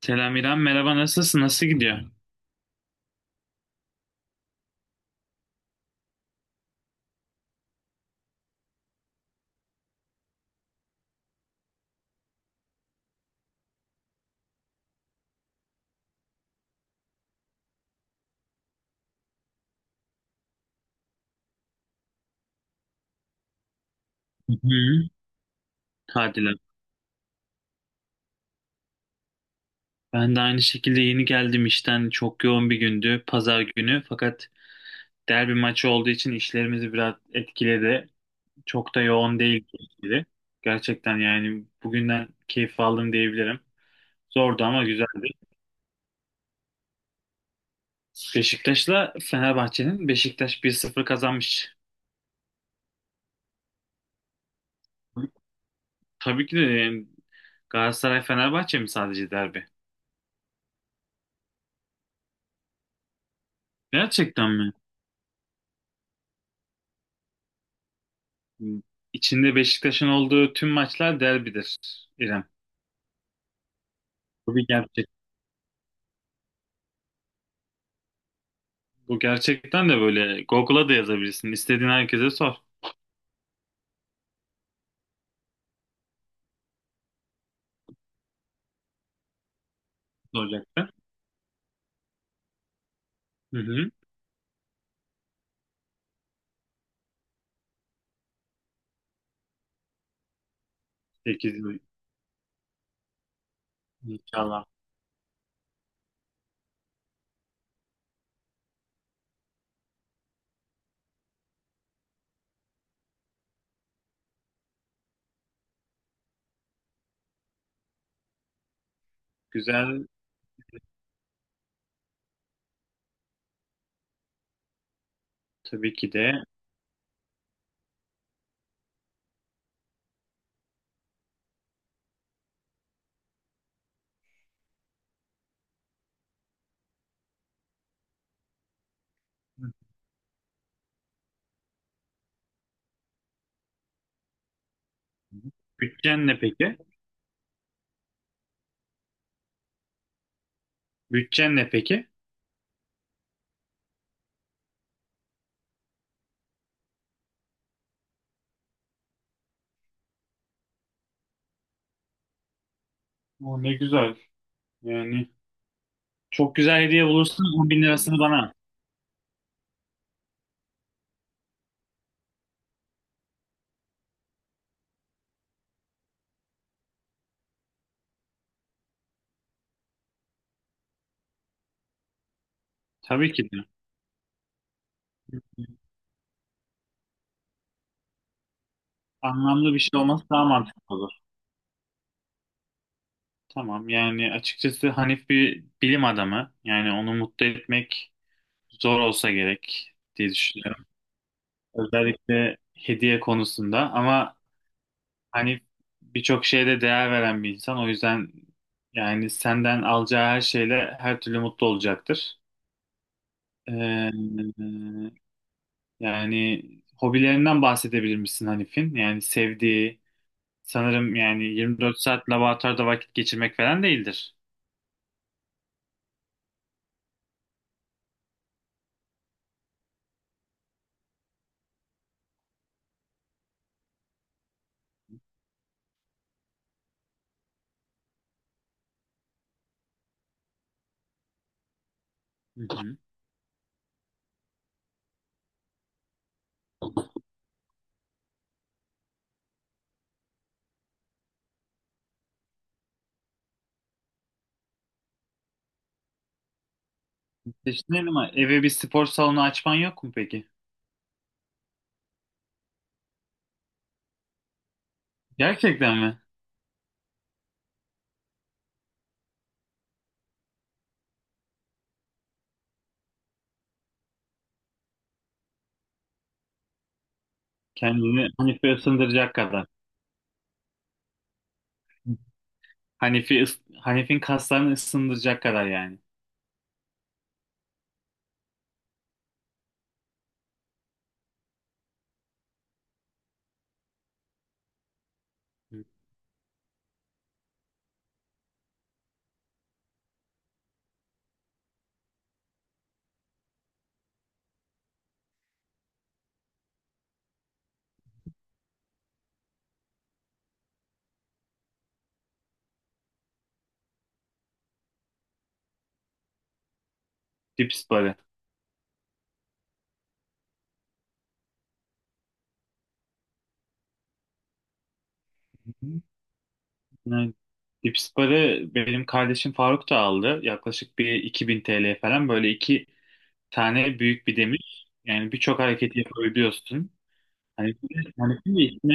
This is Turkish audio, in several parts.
Selam İrem, merhaba nasılsın? Nasıl gidiyor? Hı hı. Hadiler. Ben de aynı şekilde yeni geldim işten. Çok yoğun bir gündü, pazar günü. Fakat derbi maçı olduğu için işlerimizi biraz etkiledi. Çok da yoğun değil gibi. Gerçekten yani bugünden keyif aldım diyebilirim. Zordu ama güzeldi. Beşiktaş'la Fenerbahçe'nin, Beşiktaş 1-0 kazanmış. Tabii ki de yani, Galatasaray-Fenerbahçe mi sadece derbi? Gerçekten mi? İçinde Beşiktaş'ın olduğu tüm maçlar derbidir İrem. Bu bir gerçek. Bu gerçekten de böyle, Google'a da yazabilirsin. İstediğin herkese sor. Soracaktı. Hı hı. 8 yıl inşallah. Güzel, tabii ki de. Hı hı. Bütçen ne peki? Bütçen ne peki? O ne güzel. Yani çok güzel hediye bulursun. 10.000 lirasını bana at. Tabii ki de. Anlamlı bir şey olması daha mantıklı olur. Tamam, yani açıkçası Hanif bir bilim adamı. Yani onu mutlu etmek zor olsa gerek diye düşünüyorum. Özellikle hediye konusunda, ama hani birçok şeye de değer veren bir insan. O yüzden yani senden alacağı her şeyle her türlü mutlu olacaktır. Ee, yani hobilerinden bahsedebilir misin Hanif'in? Yani sevdiği, sanırım yani 24 saat laboratuvarda vakit geçirmek falan değildir. Hı hı. Düşünelim, ama eve bir spor salonu açman yok mu peki? Gerçekten mi? Kendini Hanif'e ısındıracak kadar. Hanef'in kaslarını ısındıracak kadar yani. Dips barı. Hı. Yani dips barı benim kardeşim Faruk da aldı. Yaklaşık bir 2000 TL falan, böyle iki tane büyük bir demir. Yani birçok hareketi yapabiliyorsun. Hani Hanef'in de içine,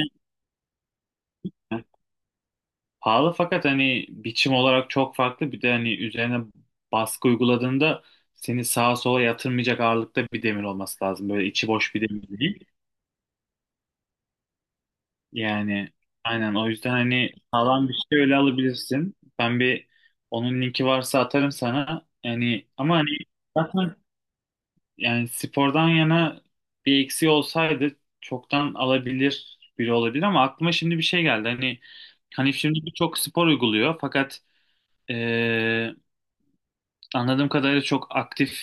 pahalı fakat hani biçim olarak çok farklı. Bir de hani üzerine baskı uyguladığında seni sağa sola yatırmayacak ağırlıkta bir demir olması lazım. Böyle içi boş bir demir değil. Yani aynen, o yüzden hani sağlam bir şey öyle alabilirsin. Ben bir, onun linki varsa atarım sana. Yani ama hani zaten yani spordan yana bir eksiği olsaydı çoktan alabilir biri olabilir, ama aklıma şimdi bir şey geldi. hani şimdi birçok spor uyguluyor fakat anladığım kadarıyla çok aktif,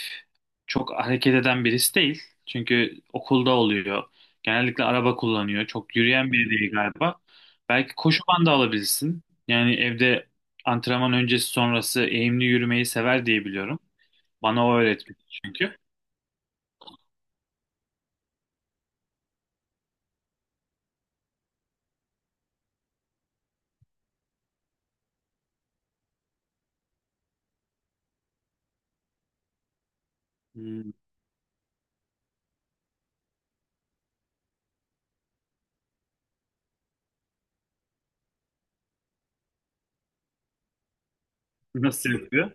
çok hareket eden birisi değil. Çünkü okulda oluyor. Genellikle araba kullanıyor. Çok yürüyen biri değil galiba. Belki koşu bandı alabilirsin. Yani evde antrenman öncesi sonrası eğimli yürümeyi sever diye biliyorum. Bana o öğretmiş çünkü. Hmm. Nasıl yapıyor?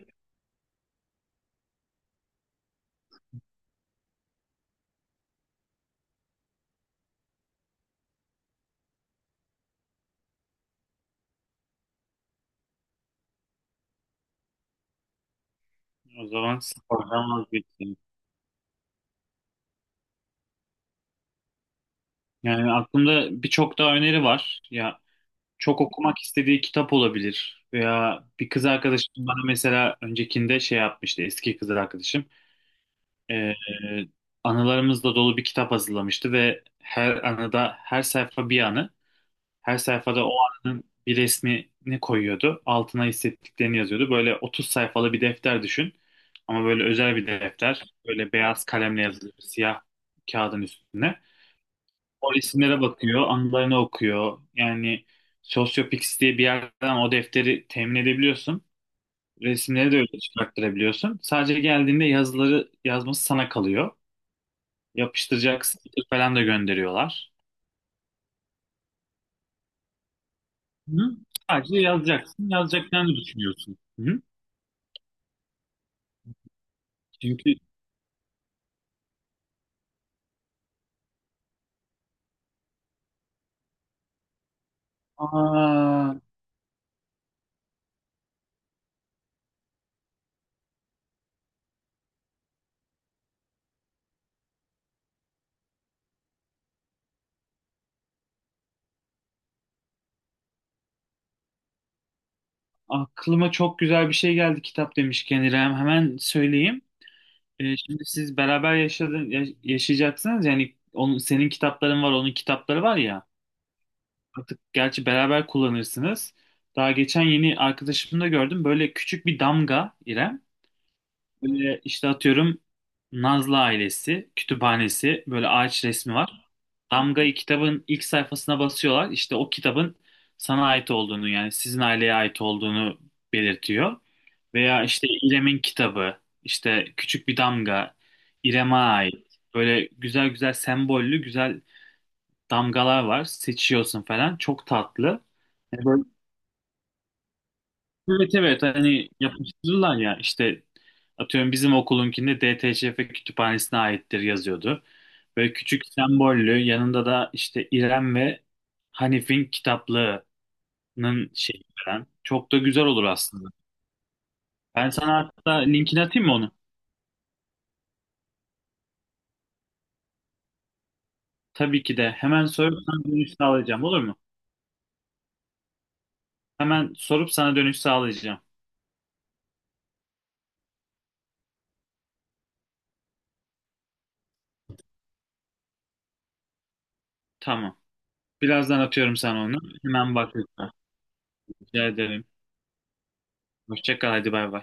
O zaman spordan vazgeçtim. Yani aklımda birçok daha öneri var. Ya, çok okumak istediği kitap olabilir. Veya bir kız arkadaşım bana mesela öncekinde şey yapmıştı, eski kız arkadaşım. Ee, anılarımızla dolu bir kitap hazırlamıştı ve her anıda, her sayfa bir anı. Her sayfada o anının bir resmini koyuyordu. Altına hissettiklerini yazıyordu. Böyle 30 sayfalı bir defter düşün. Ama böyle özel bir defter. Böyle beyaz kalemle yazılı, siyah kağıdın üstüne. O isimlere bakıyor, anılarını okuyor. Yani Sociopix diye bir yerden o defteri temin edebiliyorsun. Resimleri de öyle çıkarttırabiliyorsun. Sadece geldiğinde yazıları yazması sana kalıyor. Yapıştıracak sticker falan da gönderiyorlar. Hı? Sadece yazacaksın, yazacaklarını düşünüyorsun. Hı? Çünkü aa, aklıma çok güzel bir şey geldi kitap demişken, İrem. Hemen söyleyeyim. Şimdi siz beraber yaşayacaksınız. Yani onun, senin kitapların var, onun kitapları var ya. Artık gerçi beraber kullanırsınız. Daha geçen yeni arkadaşımda gördüm. Böyle küçük bir damga, İrem. Böyle işte atıyorum Nazlı ailesi, kütüphanesi, böyle ağaç resmi var. Damgayı kitabın ilk sayfasına basıyorlar. İşte o kitabın sana ait olduğunu, yani sizin aileye ait olduğunu belirtiyor. Veya işte İrem'in kitabı, işte küçük bir damga, İrem'e ait. Böyle güzel güzel sembollü, güzel damgalar var. Seçiyorsun falan. Çok tatlı. Yani böyle- evet evet, hani yapıştırırlar ya işte, atıyorum bizim okulunkinde DTÇF kütüphanesine aittir yazıyordu. Böyle küçük sembollü, yanında da işte İrem ve Hanif'in kitaplığının şeyi falan. Çok da güzel olur aslında. Ben sana hatta linkini atayım mı onu? Tabii ki de, hemen sorup sana dönüş sağlayacağım, olur mu? Hemen sorup sana dönüş sağlayacağım. Tamam. Birazdan atıyorum sana onu. Hemen bak lütfen. Rica ederim. Hoşça kal, hadi bay bay.